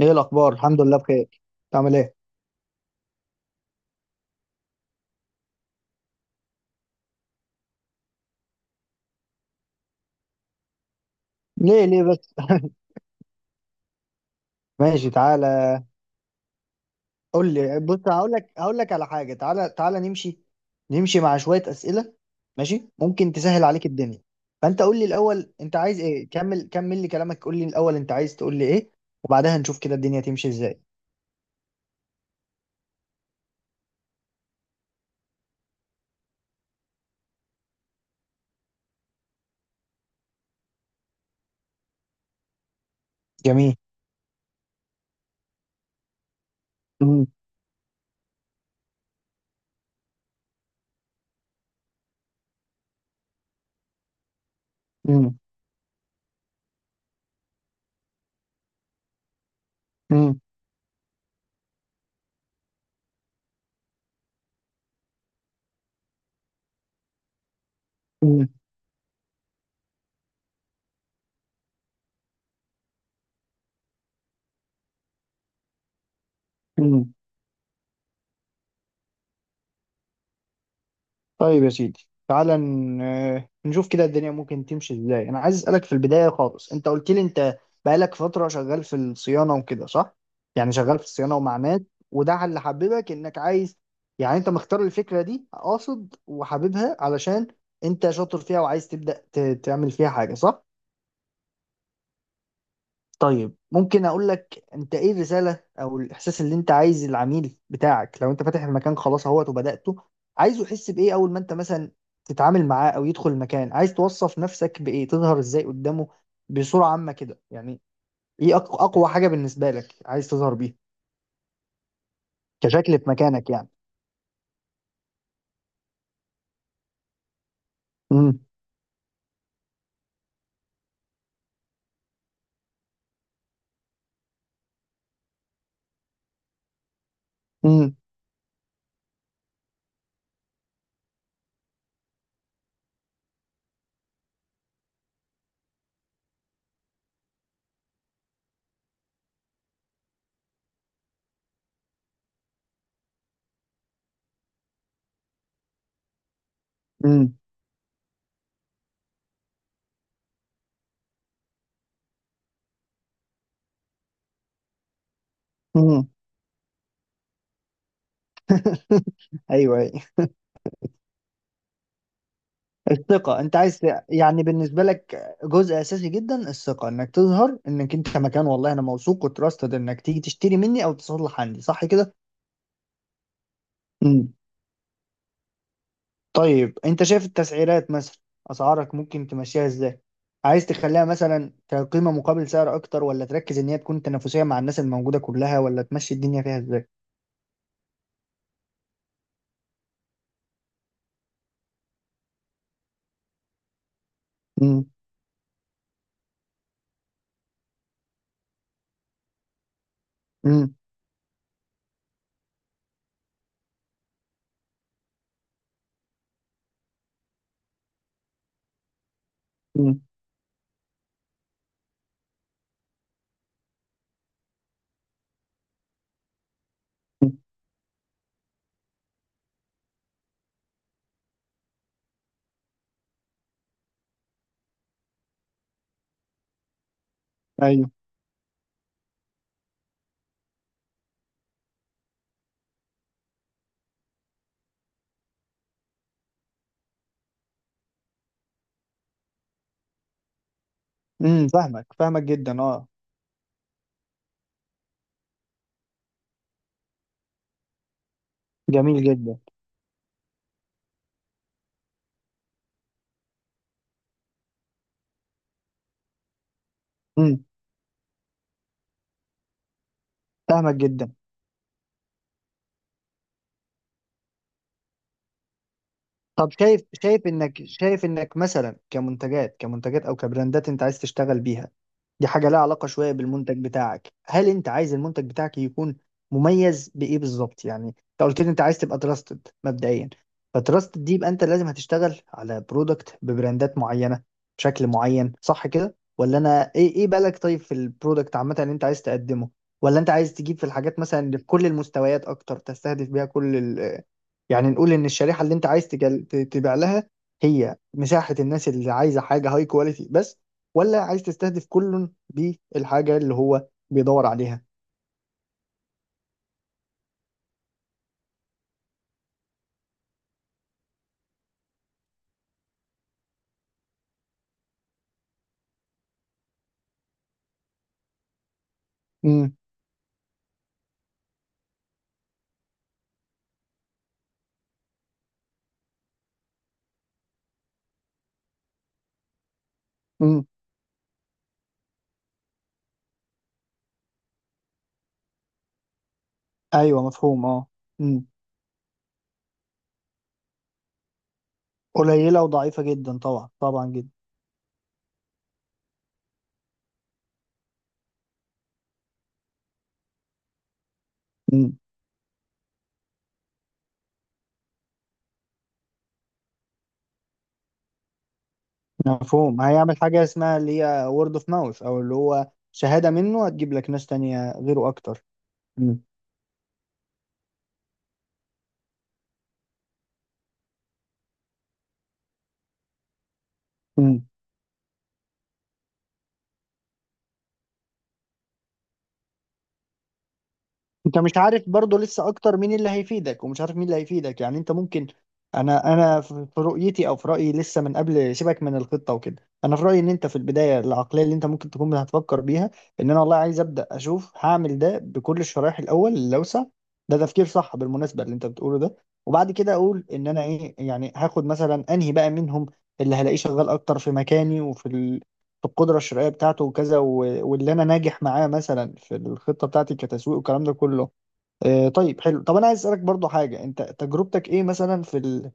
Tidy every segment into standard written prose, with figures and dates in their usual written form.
ايه الاخبار؟ الحمد لله بخير. تعمل ايه؟ ليه ليه بس؟ ماشي، تعالى. قول لي، بص، هقول لك على حاجه. تعالى تعالى، نمشي مع شويه اسئله. ماشي، ممكن تسهل عليك الدنيا. فانت قول لي الاول، انت عايز ايه؟ كمل لي كلامك، قول لي الاول انت عايز تقول لي ايه. وبعدها نشوف كده الدنيا تمشي ازاي. جميل. امم. امم. امم. طيب يا سيدي، تعالى نشوف كده الدنيا ممكن تمشي ازاي. انا عايز اسالك في البدايه خالص، انت قلت لي انت بقالك فتره شغال في الصيانه وكده، صح؟ يعني شغال في الصيانه ومع ناس، وده اللي حببك انك عايز يعني، انت مختار الفكره دي اقصد وحاببها علشان انت شاطر فيها وعايز تبدا تعمل فيها حاجه، صح؟ طيب ممكن اقول لك، انت ايه الرساله او الاحساس اللي انت عايز العميل بتاعك، لو انت فاتح المكان خلاص اهوت وبداته، عايزه يحس بايه اول ما انت مثلا تتعامل معاه او يدخل المكان؟ عايز توصف نفسك بايه؟ تظهر ازاي قدامه بصوره عامه كده يعني؟ ايه اقوى حاجه بالنسبه لك عايز تظهر بيها كشكل في مكانك يعني؟ امم. امم. امم. ايوه، أيوه. الثقة، انت عايز يعني بالنسبة لك جزء اساسي جدا الثقة، انك تظهر انك انت مكان، والله انا موثوق وتراستد، انك تيجي تشتري مني او تصلح عندي، صح كده؟ مم. طيب انت شايف التسعيرات مثلا، اسعارك ممكن تمشيها ازاي؟ عايز تخليها مثلا كقيمة مقابل سعر اكتر، ولا تركز ان هي تكون تنافسية مع الناس الموجودة كلها، ولا تمشي الدنيا فيها ازاي؟ مم. مم. مم. مم. ايوه. مم. فاهمك فاهمك جدا، اه. جميل جدا. مم. فاهمك جدا. طب شايف انك مثلا كمنتجات، كمنتجات او كبراندات انت عايز تشتغل بيها. دي حاجه لها علاقه شويه بالمنتج بتاعك. هل انت عايز المنتج بتاعك يكون مميز بايه بالظبط؟ يعني انت قلت لي انت عايز تبقى تراستد مبدئيا، فتراستد دي يبقى انت لازم هتشتغل على برودكت ببراندات معينه بشكل معين، صح كده؟ ولا انا ايه ايه بالك؟ طيب في البرودكت عامه اللي انت عايز تقدمه، ولا انت عايز تجيب في الحاجات مثلا اللي في كل المستويات اكتر تستهدف بيها كل، يعني نقول ان الشريحه اللي انت عايز تبيع لها هي مساحه الناس اللي عايزه حاجه هاي كواليتي بس، ولا عايز تستهدف كل بالحاجه اللي هو بيدور عليها؟ امم. امم. ايوه، مفهوم، اه. امم. قليله وضعيفه جدا، طبعا، طبعا جدا. امم. مفهوم، هيعمل حاجه اسمها اللي هي وورد اوف ماوث، او اللي هو شهاده منه هتجيب لك ناس تانية غيره اكتر. امم. انت مش عارف برضه لسه اكتر مين اللي هيفيدك ومش عارف مين اللي هيفيدك، يعني انت ممكن، انا في رؤيتي او في رايي، لسه من قبل سيبك من الخطه وكده، انا في رايي ان انت في البدايه العقليه اللي انت ممكن تكون هتفكر بيها، ان انا والله عايز ابدا اشوف هعمل ده بكل الشرايح الاول اللي اوسع. ده تفكير صح بالمناسبه اللي انت بتقوله ده. وبعد كده اقول ان انا ايه، يعني هاخد مثلا انهي بقى منهم اللي هلاقيه شغال اكتر في مكاني وفي في القدره الشرائيه بتاعته وكذا و... واللي انا ناجح معاه مثلا في الخطه بتاعتي كتسويق، والكلام ده كله. طيب، حلو. طب انا عايز اسالك برضو حاجه، انت تجربتك ايه مثلا في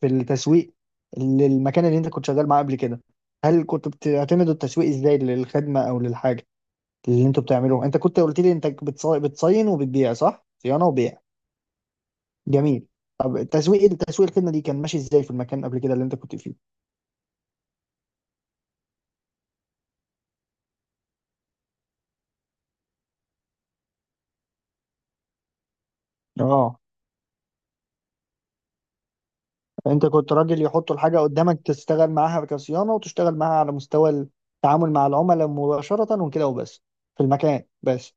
في التسويق للمكان اللي انت كنت شغال معاه قبل كده؟ هل كنت بتعتمد التسويق ازاي للخدمه او للحاجه اللي انتوا بتعملوه؟ انت كنت قلت لي انت بتصين وبتبيع، صح؟ صيانه وبيع. جميل. طب التسويق، الخدمه دي كان ماشي ازاي في المكان قبل كده اللي انت كنت فيه؟ اه. انت كنت راجل يحطوا الحاجه قدامك تشتغل معاها كصيانه، وتشتغل معاها على مستوى التعامل مع العملاء مباشره وكده وبس. في المكان بس.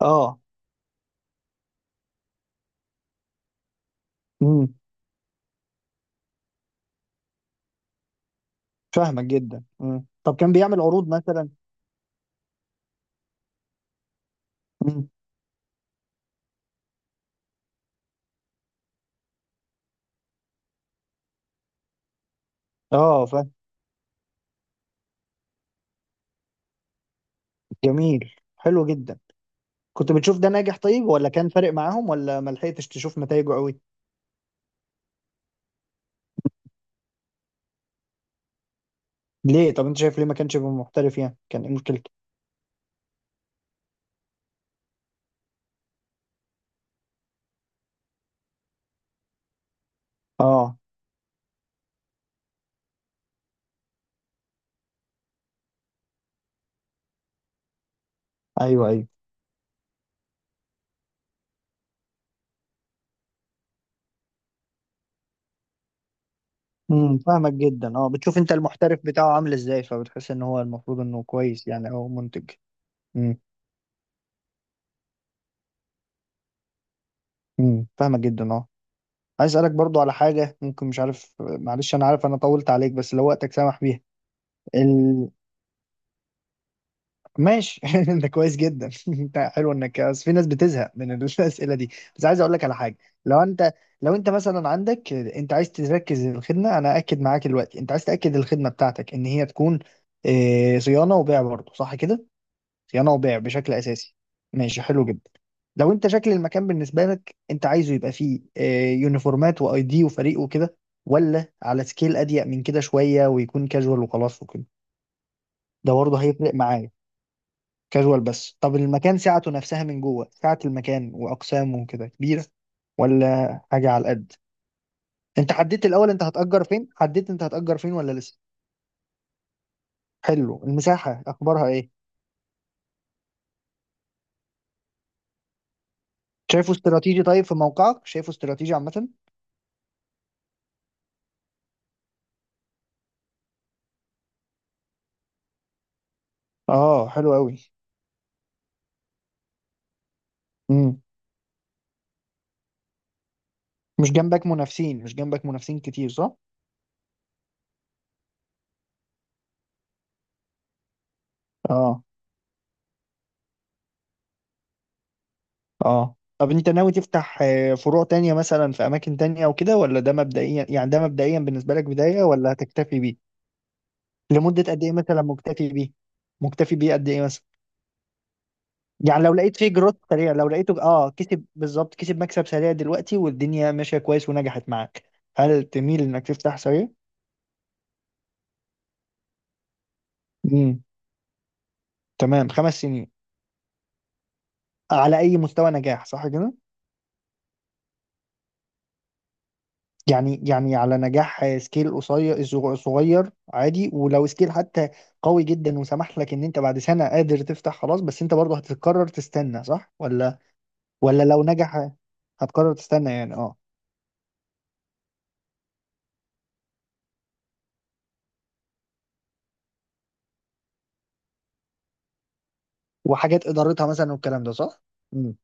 اه. مم. فاهمك جدا. مم. طب كان بيعمل عروض مثلا؟ مم. اه، فاهم. جميل، حلو جدا. كنت بتشوف ده ناجح طيب، ولا كان فارق معاهم، ولا ما لحقتش تشوف نتائجه قوي؟ ليه؟ طب انت شايف ليه ما كانش يبقى محترف يعني؟ كان ايه مشكلته؟ اه. ايوه، ايوه. امم. فاهمك جدا، اه. بتشوف انت المحترف بتاعه عامل ازاي فبتحس ان هو المفروض انه كويس يعني، او منتج. امم. امم. فاهمك جدا، اه. عايز اسالك برضو على حاجه ممكن، مش عارف، معلش، انا عارف انا طولت عليك، بس لو وقتك سامح بيها. ماشي. انت كويس جدا. انت حلو انك، بس في ناس بتزهق من الاسئله دي. بس عايز اقول لك على حاجه. لو انت لو انت مثلا عندك، انت عايز تركز الخدمه، انا اكد معاك دلوقتي انت عايز تاكد الخدمه بتاعتك ان هي تكون اه، صيانه وبيع برضه، صح كده؟ صيانه وبيع بشكل اساسي. ماشي، حلو جدا. لو انت شكل المكان بالنسبه لك انت عايزه يبقى فيه يونيفورمات واي دي وفريق وكده، ولا على سكيل اضيق من كده شويه ويكون كاجوال وخلاص وكده. ده برضه هيفرق معايا. كاجوال بس. طب المكان سعته نفسها من جوه، سعة المكان وأقسامه وكده كبيرة ولا حاجة على القد؟ انت حددت الأول انت هتأجر فين؟ حددت انت هتأجر فين ولا لسه؟ حلو. المساحة أخبارها ايه؟ شايفه استراتيجي؟ طيب في موقعك شايفه استراتيجي عامة؟ اه، حلو قوي. امم. مش جنبك منافسين كتير، صح؟ اه، اه. طب انت ناوي تفتح فروع تانية مثلا في أماكن تانية وكده، ولا ده مبدئيا يعني، ده مبدئيا بالنسبة لك بداية، ولا هتكتفي بيه؟ لمدة قد ايه مثلا مكتفي بيه؟ مكتفي بيه قد ايه مثلا؟ يعني لو لقيت فيه جروث سريع، لو لقيته، كسب بالظبط، كسب مكسب سريع دلوقتي والدنيا ماشية كويس ونجحت معاك، هل تميل انك تفتح سريع؟ امم. تمام، 5 سنين. على اي مستوى نجاح، صح كده؟ يعني على نجاح سكيل قصير، صغير، عادي، ولو سكيل حتى قوي جدا وسمح لك ان انت بعد سنة قادر تفتح خلاص، بس انت برضه هتقرر تستنى، صح؟ ولا لو نجح هتقرر تستنى يعني، اه. وحاجات ادارتها مثلا والكلام ده، صح؟ امم.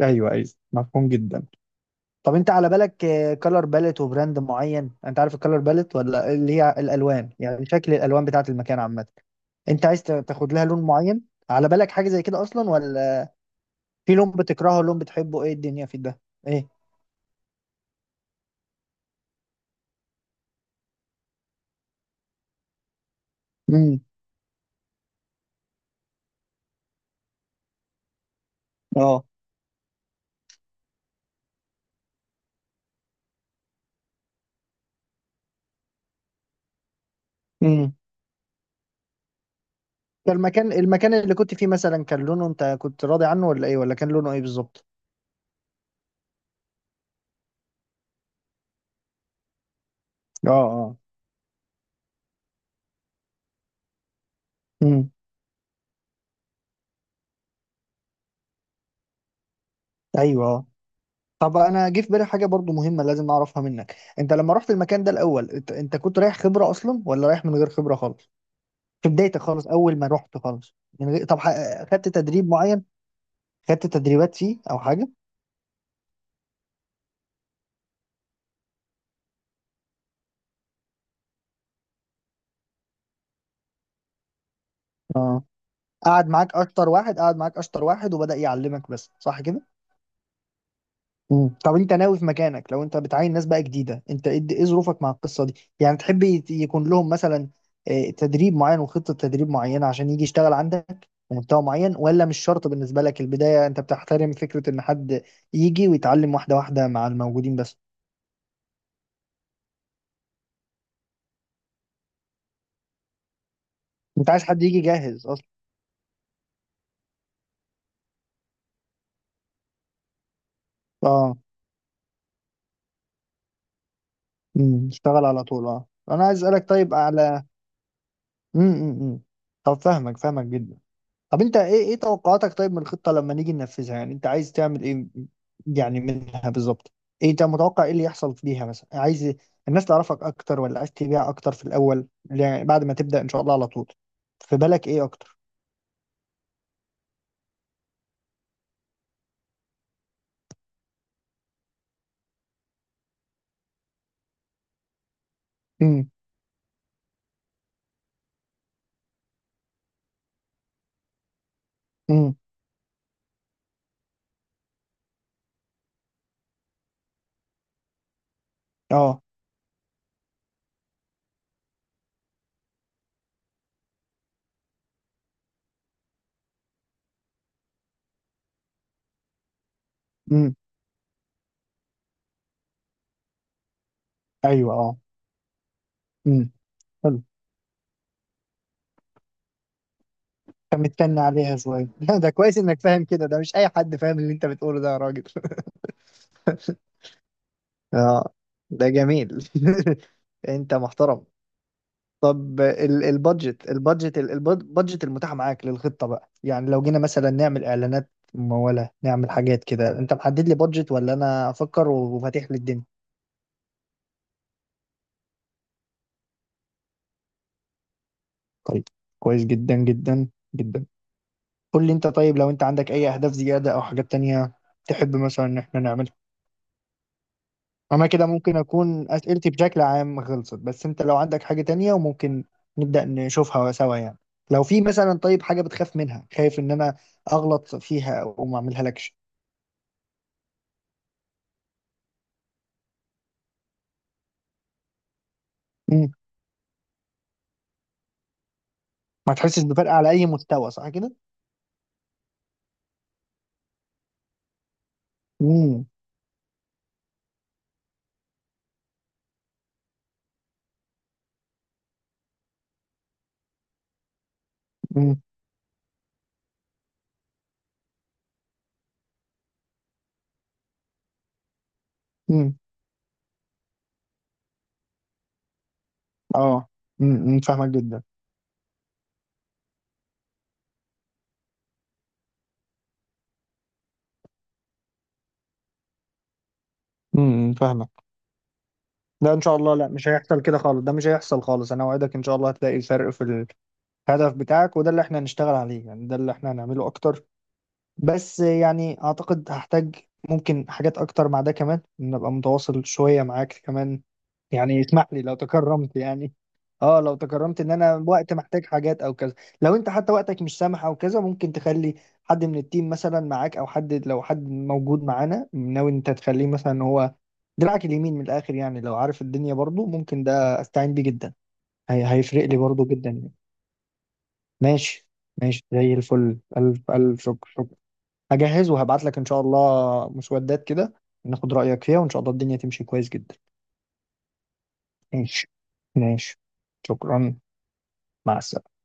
ايوه، ايوه. مفهوم جدا. طب انت على بالك كلر باليت وبراند معين؟ انت عارف الكلر باليت، ولا اللي هي الالوان، يعني شكل الالوان بتاعه المكان عامه، انت عايز تاخد لها لون معين؟ على بالك حاجه زي كده اصلا ولا؟ في لون بتكرهه، لون بتحبه، ايه الدنيا في ده؟ ايه. امم. اه. امم. المكان اللي كنت فيه مثلا كان لونه انت كنت راضي عنه، ولا ايه، ولا كان لونه ايه بالظبط؟ اه، اه. امم. ايوه. طب انا جه في بالي حاجه برضو مهمه لازم اعرفها منك. انت لما رحت المكان ده الاول، انت كنت رايح خبره اصلا، ولا رايح من غير خبره خالص؟ في بدايتك خالص، اول ما رحت خالص من غير. طب خدت تدريب معين؟ خدت تدريبات فيه او حاجه؟ اه. قعد معاك اشطر واحد، وبدأ يعلمك بس، صح؟ مم. طب انت ناوي في مكانك لو انت بتعين ناس بقى جديده، انت ايه ظروفك مع القصه دي، يعني تحب يكون لهم مثلا تدريب معين وخطه تدريب معينه عشان يجي يشتغل عندك بمستوى معين، ولا مش شرط بالنسبه لك البدايه انت بتحترم فكره ان حد يجي ويتعلم واحده واحده مع الموجودين بس؟ انت عايز حد يجي جاهز اصلا. اه. مم، يشتغل على طول، اه. انا عايز اسالك طيب على، امم. امم. طب فاهمك، فاهمك جدا. طب انت ايه توقعاتك طيب من الخطة لما نيجي ننفذها؟ يعني انت عايز تعمل ايه يعني منها بالظبط؟ ايه انت متوقع، ايه اللي يحصل بيها مثلا؟ عايز الناس تعرفك اكتر، ولا عايز تبيع اكتر في الاول، يعني بعد ما تبدأ ان شاء الله على طول؟ في بالك ايه اكتر؟ امم. امم. اه. امم. ايوه. اه. امم. حلو. انت مستني عليها شوية. لا، ده كويس انك فاهم كده، ده مش اي حد فاهم اللي انت بتقوله ده يا راجل. اه. ده جميل. انت محترم. طب البادجت المتاح معاك للخطة بقى، يعني لو جينا مثلا نعمل اعلانات ممولة نعمل حاجات كده، انت محدد لي بادجت ولا انا افكر وفاتح لي الدنيا؟ طيب. كويس جدا جدا جدا. قول لي انت طيب لو انت عندك اي اهداف زيادة او حاجات تانية تحب مثلا ان احنا نعملها. انا كده ممكن اكون اسئلتي بشكل عام خلصت، بس انت لو عندك حاجة تانية وممكن نبدأ نشوفها سوا يعني. لو في مثلا طيب حاجة بتخاف منها، خايف ان انا اغلط فيها او ما اعملها لكش؟ ما تحسش بفرق على اي مستوى، صح كده؟ امم. امم. امم. اه. امم. فاهمك جدا. امم. فاهمك. لا، ان شاء الله، لا، مش هيحصل كده خالص، ده مش هيحصل خالص. انا اوعدك ان شاء الله هتلاقي الفرق في الهدف بتاعك، وده اللي احنا هنشتغل عليه، يعني ده اللي احنا هنعمله اكتر. بس يعني اعتقد هحتاج ممكن حاجات اكتر مع ده كمان، ان ابقى متواصل شوية معاك كمان. يعني اسمح لي لو تكرمت يعني، اه لو تكرمت ان انا وقت محتاج حاجات او كذا. لو انت حتى وقتك مش سامح او كذا، ممكن تخلي حد من التيم مثلا معاك، او حد لو حد موجود معانا ناوي إن انت تخليه مثلا إن هو دراعك اليمين من الاخر يعني، لو عارف الدنيا برضو ممكن ده استعين بيه جدا. هي هيفرق لي برضو جدا يعني. ماشي. ماشي زي الفل. الف الف شكر، شكر. هجهز وهبعت لك ان شاء الله مسودات كده، ناخد رايك فيها وان شاء الله الدنيا تمشي كويس جدا. ماشي. ماشي. شكرا. مع السلامة.